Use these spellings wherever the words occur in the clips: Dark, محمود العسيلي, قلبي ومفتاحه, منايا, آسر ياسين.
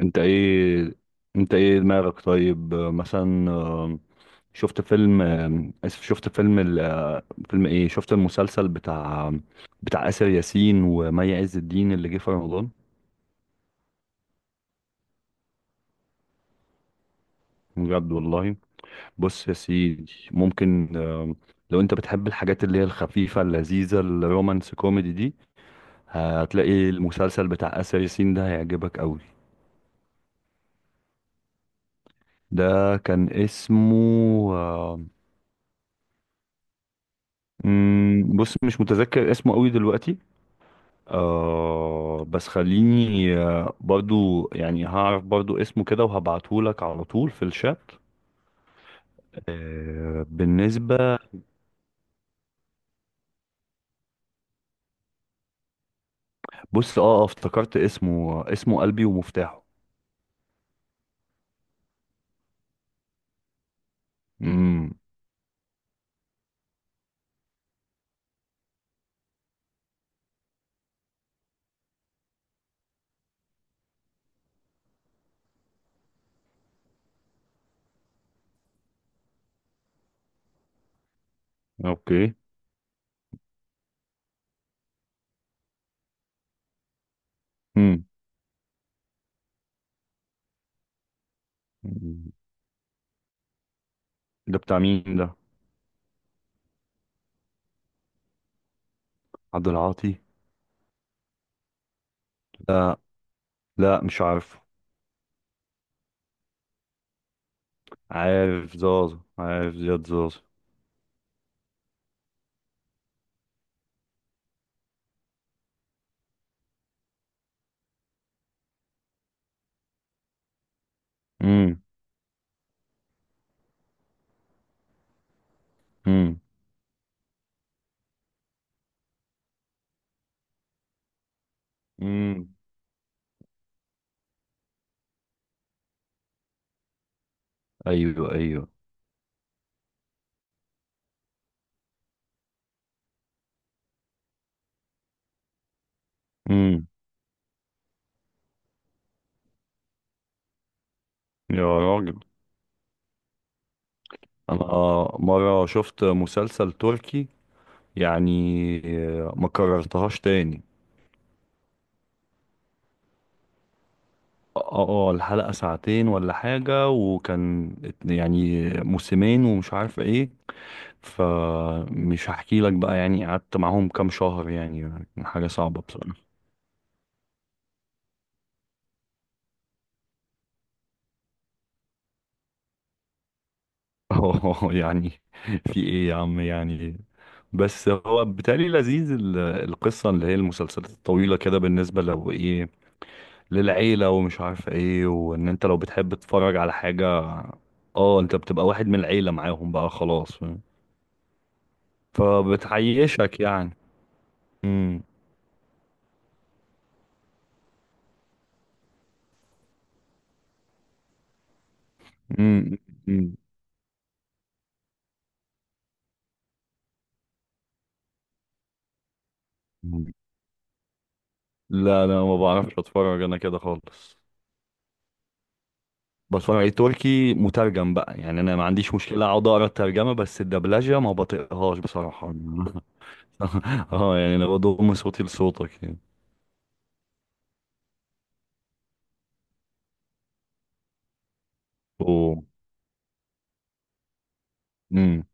انت ايه انت ايه دماغك؟ طيب، مثلا، شفت فيلم ال... آه، فيلم ايه شفت المسلسل بتاع آسر ياسين ومي عز الدين اللي جه في رمضان. بجد والله. بص يا سيدي، ممكن لو انت بتحب الحاجات اللي هي الخفيفة اللذيذة الرومانس كوميدي دي، هتلاقي المسلسل بتاع آسر ياسين ده هيعجبك قوي. ده كان اسمه آه، بص، مش متذكر اسمه قوي دلوقتي. بس خليني برضو يعني هعرف برضو اسمه كده وهبعتهولك على طول في الشات. بالنسبة، بص افتكرت اسمه، اسمه قلبي ومفتاحه. امم. اوكي. امم. ده بتاع مين ده؟ عبد العاطي؟ لا، لا مش عارف. عارف زازا عارف زياد زازا. امم. امم. امم. ايوه ايوه. امم. يا راجل، انا مرة شفت مسلسل تركي، يعني ما كررتهاش تاني. اه اه، الحلقة ساعتين ولا حاجة، وكان يعني موسمين ومش عارف ايه، فمش هحكي لك بقى، يعني قعدت معاهم كام شهر، يعني حاجة صعبة بصراحة. اه يعني، في ايه يا عم يعني؟ بس هو بالتالي لذيذ القصة اللي هي المسلسلات الطويلة كده، بالنسبة لو ايه للعيلة ومش عارف ايه، وان انت لو بتحب تتفرج على حاجة. اه، انت بتبقى واحد من العيلة معاهم بقى خلاص، فاهم؟ فبتعيشك يعني. امم. امم. أمم. لا لا، ما بعرفش اتفرج انا كده خالص. بتفرج على تركي مترجم بقى، يعني انا ما عنديش مشكلة اقعد اقرا الترجمة، بس الدبلجة ما بطيقهاش بصراحة. اه يعني انا بضم صوتي لصوتك يعني. اوه. امم.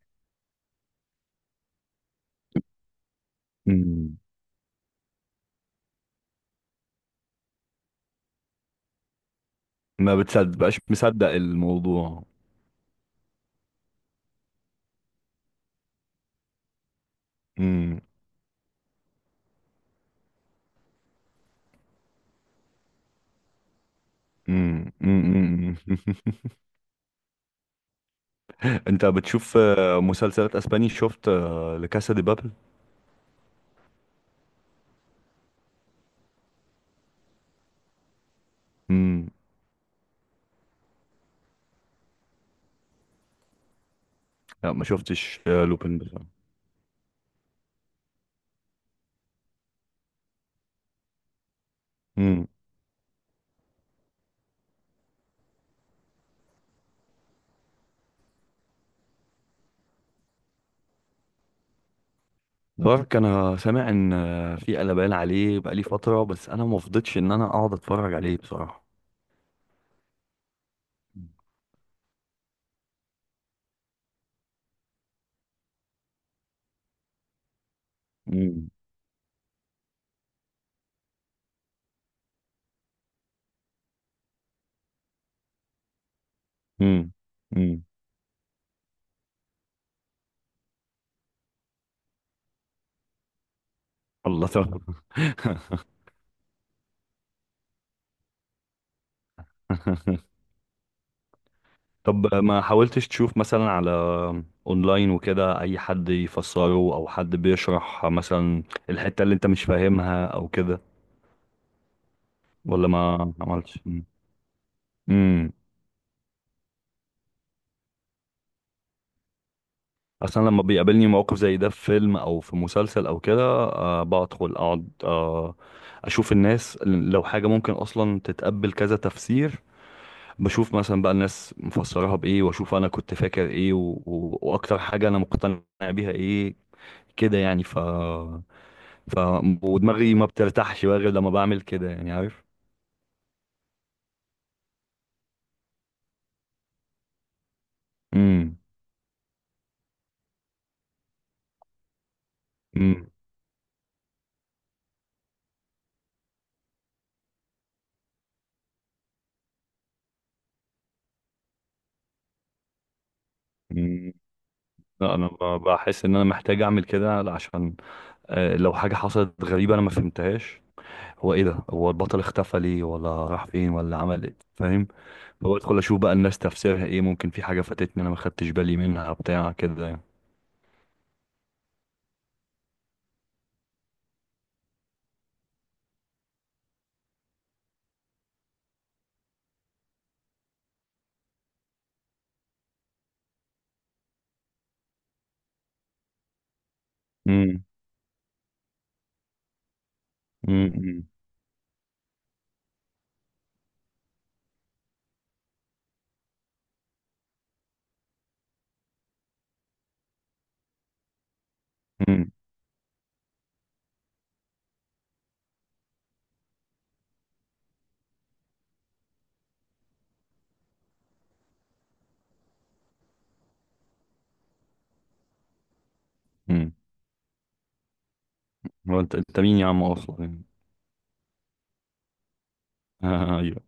أمم. ما بتصدق بقاش مصدق الموضوع. امم. مم، مم، مم، مم. انت بتشوف مسلسلات اسباني؟ شفت لكاسا دي بابل؟ مم. لا ما شفتش لوبين بصراحه. مم. دارك، انا سامع ان في قلبان عليه بقالي فتره، بس انا ما فضيتش ان انا اقعد اتفرج عليه بصراحه. مم. مم. مم. الله، طب. طب ما حاولتش تشوف مثلا على اونلاين وكده، اي حد يفسره او حد بيشرح مثلا الحته اللي انت مش فاهمها او كده؟ ولا ما عملتش؟ امم. اصلا لما بيقابلني موقف زي ده في فيلم او في مسلسل او كده، بدخل اقعد اشوف الناس لو حاجه ممكن اصلا تتقبل كذا تفسير. بشوف مثلا بقى الناس مفسراها بايه، واشوف انا كنت فاكر ايه، واكتر حاجه انا مقتنع بيها ايه، كده يعني. ف ف ودماغي ما بترتاحش بقى غير لما بعمل كده، يعني عارف. امم. امم. أمم. لا، انا بحس ان انا محتاج اعمل كده، عشان لو حاجة حصلت غريبة أنا ما فهمتهاش، هو إيه ده، هو البطل اختفى ليه ولا راح فين ولا عمل إيه، فاهم؟ فبدخل أشوف بقى الناس تفسيرها إيه، ممكن في حاجة فاتتني أنا ما خدتش بالي منها بتاع كده يعني. امم. امم. امم. امم. هو أنت مين يا عم أصلا يعني؟ أيوه.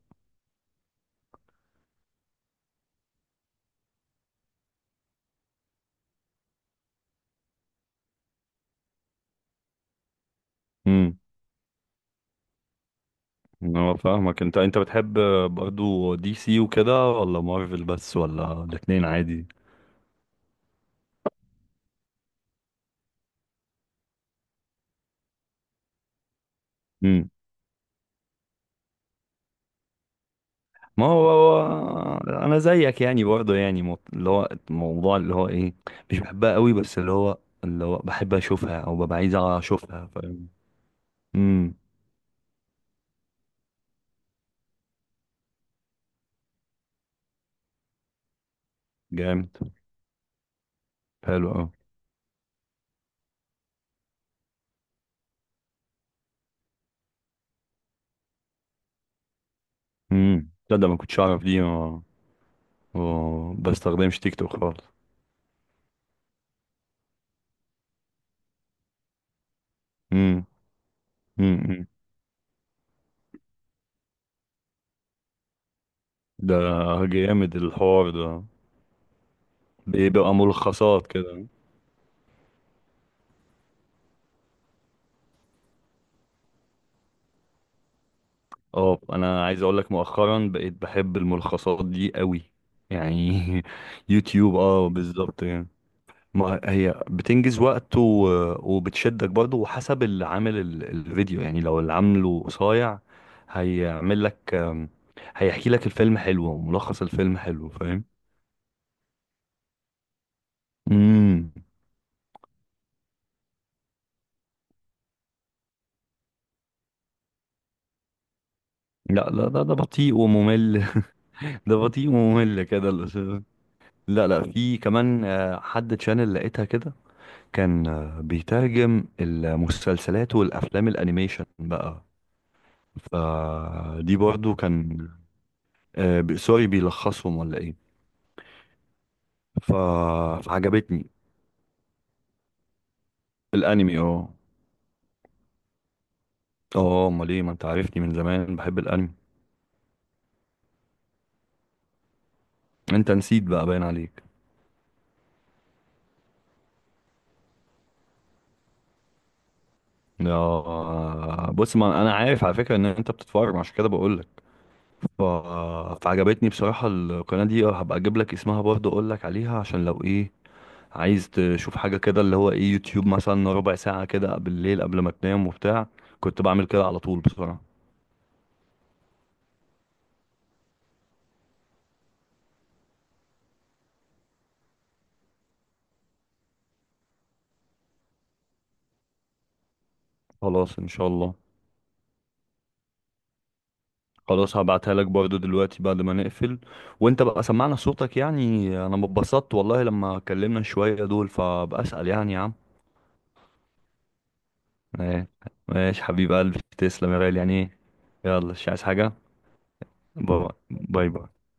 امم. هو فاهمك، أنت بتحب برضو دي سي وكده، ولا مارفل بس، ولا الاتنين عادي؟ ما هو هو، انا زيك يعني برضه، يعني اللي هو الموضوع اللي هو ايه، مش بحبها قوي، بس اللي هو بحب اشوفها او ببقى عايز اشوفها، فاهم. امم. جامد. حلو قوي. امم. تصدق ما كنتش اعرف دي. ما بستخدمش تيك توك خالص. امم. امم. ده جامد الحوار ده. بيبقى ملخصات كده. اه، انا عايز اقول لك، مؤخرا بقيت بحب الملخصات دي قوي يعني. يوتيوب، اه بالظبط يعني. ما هي بتنجز وقت، وبتشدك برضه، وحسب اللي عامل الفيديو يعني. لو اللي عامله قصير، هيعمل لك هيحكي لك الفيلم حلو وملخص الفيلم حلو، فاهم. امم. لا لا، ده بطيء وممل. ده بطيء وممل كده لا لا، في كمان حد تشانل لقيتها كده، كان بيترجم المسلسلات والافلام الانيميشن بقى، فدي برضو كان سوري بيلخصهم ولا ايه. ف... فعجبتني. الانمي، اه. اه امال ايه، ما انت عارفني من زمان بحب الانمي. انت نسيت بقى، باين عليك. اه بص، ما انا عارف على فكره ان انت بتتفرج عشان كده بقول لك. ف... فعجبتني بصراحه القناه دي، اه، هبقى اجيب لك اسمها برضه، اقول لك عليها عشان لو ايه عايز تشوف حاجه كده، اللي هو ايه، يوتيوب مثلا ربع ساعة كده بالليل قبل ما تنام وبتاع. كنت بعمل كده على طول بصراحه. خلاص ان شاء الله. خلاص، هبعتها لك برضو دلوقتي بعد ما نقفل. وانت بقى سمعنا صوتك يعني، انا مبسطت والله لما اتكلمنا شوية دول، فبأسأل يعني يا عم. ايه. ماشي حبيب قلبي، تسلم يا غالي يعني ايه. يلا، مش عايز حاجة. باي باي باي.